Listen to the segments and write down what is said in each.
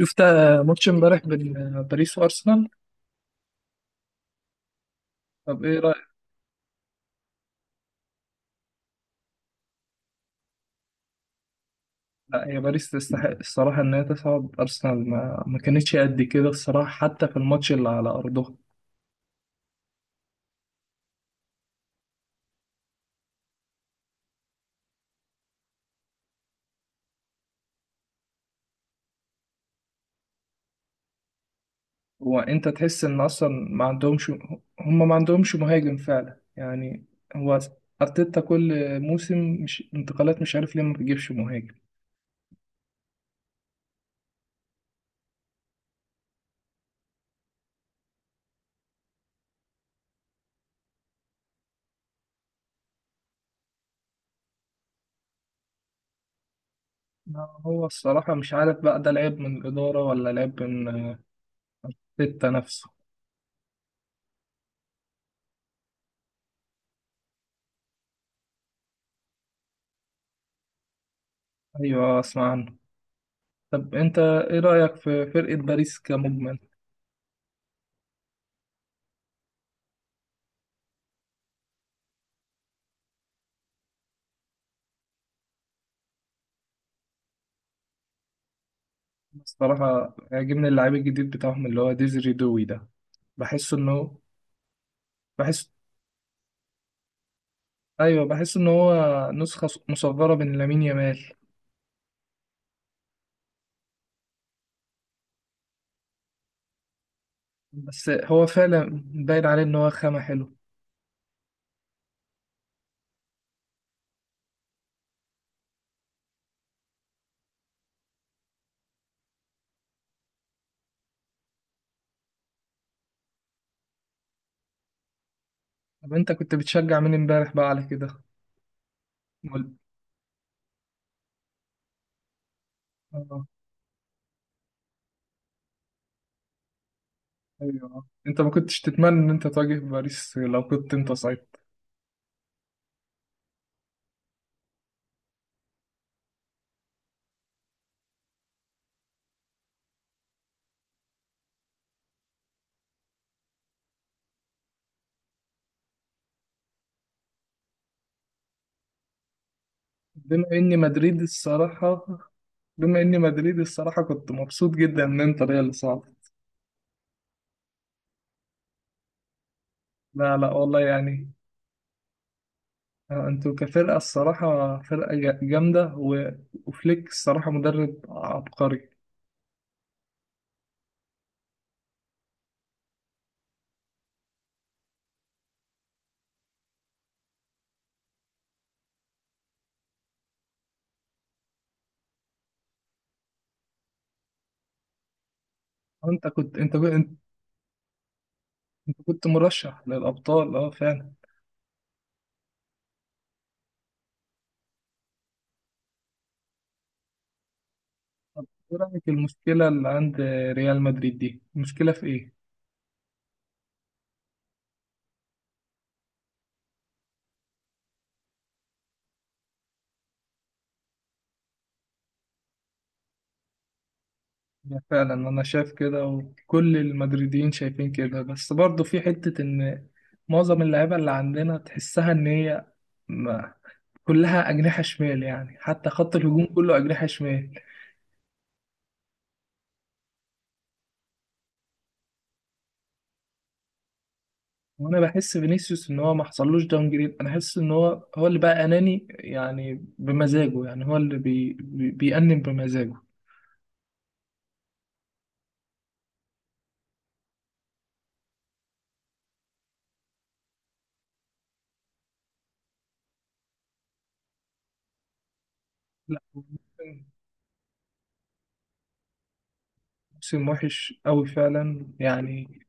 شفت ماتش امبارح بين باريس وارسنال. طب ايه رايك؟ لا، هي باريس تستحق الصراحه ان هي تصعد. ارسنال ما كانتش قد كده الصراحه حتى في الماتش اللي على ارضها. هو انت تحس ان اصلا ما عندهمش هم ما عندهمش مهاجم فعلا يعني. هو ارتيتا كل موسم، مش انتقالات مش عارف ليه ما بيجيبش مهاجم. ما هو الصراحه مش عارف بقى ده لعيب من الاداره ولا لعيب من ارتيتا نفسه. ايوه، اسمع عنه. طب انت ايه رايك في فرقه باريس كمجمل؟ الصراحة عاجبني اللعيب الجديد بتاعهم اللي هو ديزري دوي ده. بحس إنه بحس أيوه، بحس إن هو نسخة مصغرة من لامين يامال. بس هو فعلا باين عليه إن هو خامة حلو. طب أنت كنت بتشجع مين إمبارح بقى على كده؟ مول- آه. أيوه، أنت ما كنتش تتمنى إن أنت تواجه باريس لو كنت أنت صايب. بما إني مدريد الصراحة بما إني مدريد الصراحة كنت مبسوط جدا إن أنت ريال صعب. لا لا، والله يعني. انتوا كفرقة الصراحة فرقة جامدة، وفليك الصراحة مدرب عبقري. انت كنت انت كنت انت كنت مرشح للأبطال، اه فعلا. طب ايه رأيك، المشكلة اللي عند ريال مدريد دي، المشكلة في ايه؟ يعني فعلا انا شايف كده وكل المدريديين شايفين كده، بس برضه في حتة ان معظم اللعيبة اللي عندنا تحسها ان هي ما- كلها أجنحة شمال يعني، حتى خط الهجوم كله أجنحة شمال. وانا بحس فينيسيوس ان هو ما حصلوش داون جريد، انا حاسس ان هو هو اللي بقى اناني يعني بمزاجه، يعني هو اللي بي بي بيأنب بمزاجه. لا، موسم وحش قوي فعلا يعني.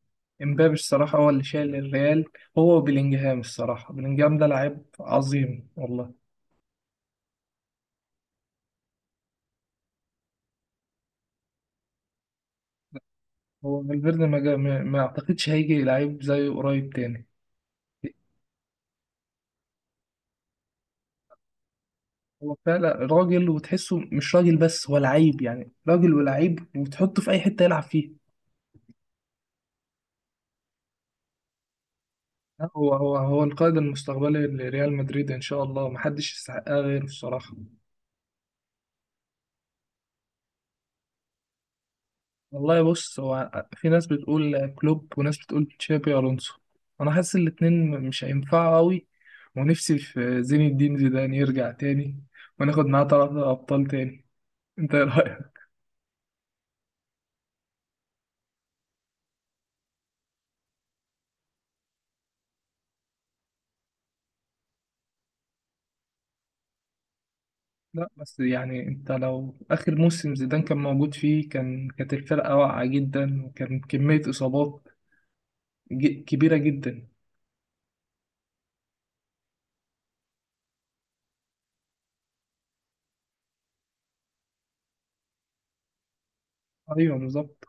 امبابي الصراحة هو اللي شايل الريال، هو وبيلينجهام. الصراحة بيلينجهام ده لعيب عظيم والله. هو فالفيردي ما, جا- ما ما اعتقدش هيجي لعيب زيه قريب تاني. هو فعلا راجل، وتحسه مش راجل، بس هو لعيب يعني، راجل ولعيب وتحطه في اي حتة يلعب فيها. لا، هو القائد المستقبلي لريال مدريد، ان شاء الله محدش يستحقها غيره الصراحه. والله بص، هو في ناس بتقول كلوب وناس بتقول تشابي الونسو. انا حاسس الاتنين مش هينفعوا قوي. ونفسي في زين الدين زيدان يرجع تاني، وناخد معاه ثلاثة ابطال تاني. انت ايه رايك؟ لا بس يعني، انت لو اخر موسم زيدان كان موجود فيه كانت الفرقه واقعه جدا، وكان كميه اصابات كبيره جدا. ايوه بالظبط.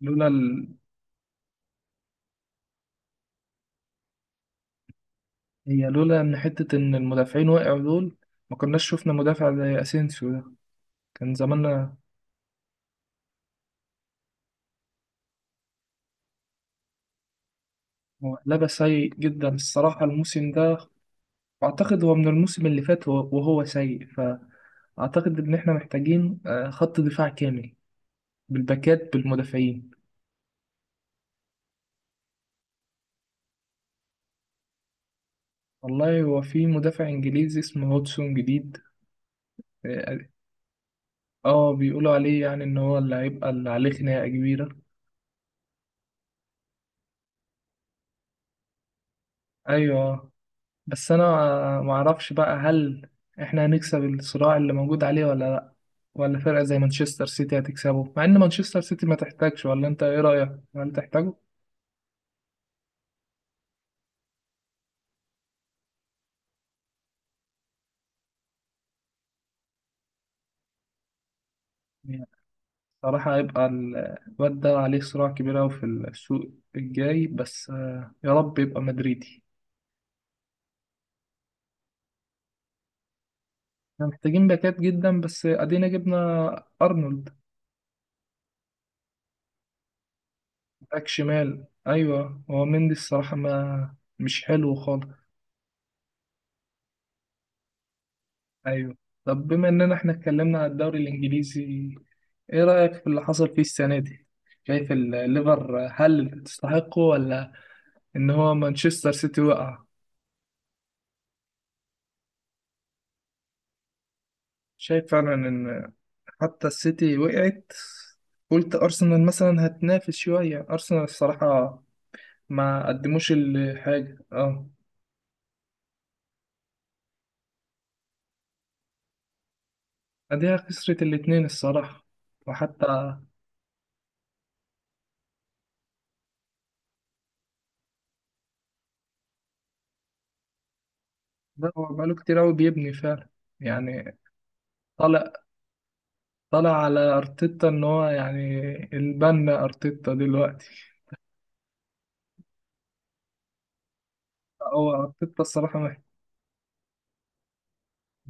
لولا هي لولا ان حتة ان المدافعين وقعوا دول، ما كناش شفنا مدافع زي اسينسيو ده كان زماننا. هو لبس سيء جدا الصراحة الموسم ده، واعتقد هو من الموسم اللي فات وهو سيء. فاعتقد ان احنا محتاجين خط دفاع كامل، بالباكات بالمدافعين. والله هو في مدافع انجليزي اسمه هودسون جديد. اه. بيقولوا عليه يعني ان هو اللي هيبقى اللي عليه خناقة كبيرة. ايوه، بس انا ما اعرفش بقى هل احنا هنكسب الصراع اللي موجود عليه ولا لا، ولا فرقة زي مانشستر سيتي هتكسبه، مع ان مانشستر سيتي ما تحتاجش. ولا انت ايه رأيك، هل تحتاجه؟ يعني صراحة هيبقى الواد ده عليه صراع كبير أوي في السوق الجاي، بس يا رب يبقى مدريدي. احنا محتاجين باكات جدا، بس ادينا جبنا ارنولد، باك شمال. ايوه، هو مندي الصراحة ما مش حلو خالص. ايوه. طب بما اننا احنا اتكلمنا عن الدوري الانجليزي، ايه رأيك في اللي حصل فيه السنة دي؟ شايف الليفر هل تستحقه، ولا ان هو مانشستر سيتي وقع؟ شايف فعلا ان حتى السيتي وقعت. قلت ارسنال مثلا هتنافس شوية، ارسنال الصراحة ما قدموش الحاجة اه. اديها خسرت الاتنين الصراحة، وحتى ده هو بقاله كتير قوي بيبني فعلا يعني، طالع طلع على ارتيتا ان هو يعني البنا ارتيتا دلوقتي. هو ارتيتا الصراحه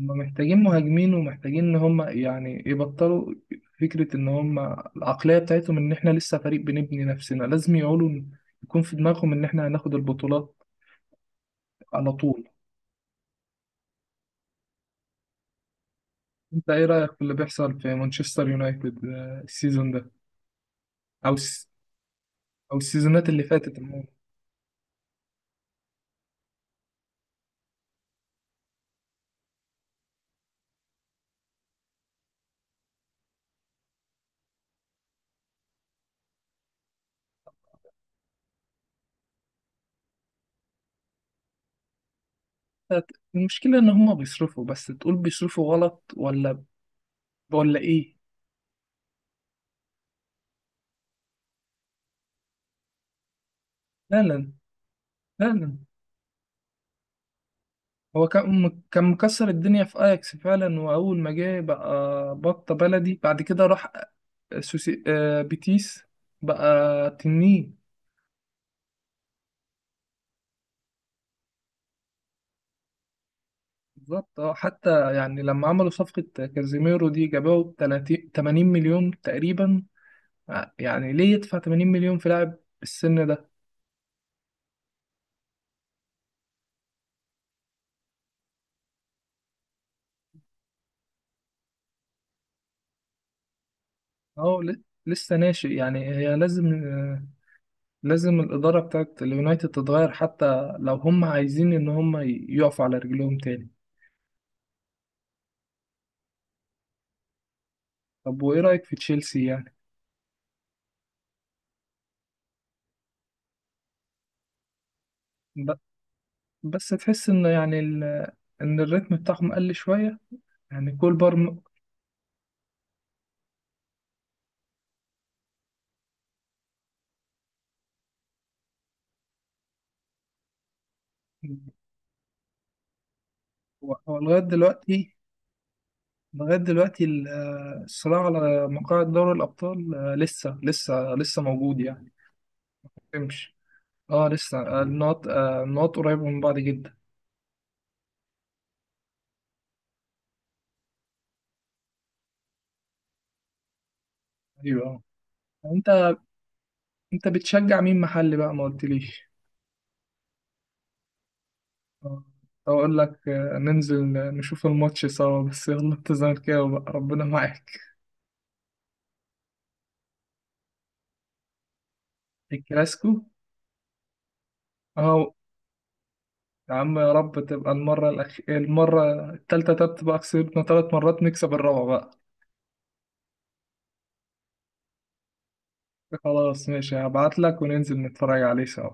هما محتاجين مهاجمين، ومحتاجين ان هم يعني يبطلوا فكره ان هم العقليه بتاعتهم ان احنا لسه فريق بنبني نفسنا. لازم يقولوا يكون في دماغهم ان احنا هناخد البطولات على طول. انت ايه رايك في اللي بيحصل في مانشستر يونايتد السيزون ده، او الس- او السيزونات اللي فاتت عموما؟ المشكله ان هم بيصرفوا، بس تقول بيصرفوا غلط، ولا ولا ايه؟ لا لا، لا لا. هو كان كان مكسر الدنيا في اياكس فعلا، واول ما جه بقى بطة بلدي، بعد كده راح سوسي بيتيس بقى تنين. بالظبط. حتى يعني لما عملوا صفقة كازيميرو دي، جابوه ب 30 80 مليون تقريبا. يعني ليه يدفع 80 مليون في لاعب بالسن ده؟ اهو لسه ناشئ يعني، هي لازم، لازم الإدارة بتاعت اليونايتد تتغير حتى لو هم عايزين إن هم يقفوا على رجلهم تاني. طب وإيه رأيك في تشيلسي يعني؟ بس تحس إن يعني إن الريتم بتاعهم قل شوية، يعني كول بار. هو لغاية دلوقتي، الصراع على مقاعد دوري الأبطال لسه موجود يعني. تمشي. اه لسه، النقط قريبة من بعض جدا. أيوه آه. أنت أنت بتشجع مين محلي بقى، ما قلتليش؟ آه، أقول لك، ننزل نشوف الماتش سوا بس. يلا أنت زملكاوي بقى ربنا معاك. الكلاسيكو، اه. يا عم، يا رب تبقى المرة المرة التالتة ده، تبقى كسبنا تلات مرات نكسب الرابعة بقى. خلاص ماشي، هبعتلك وننزل نتفرج عليه سوا.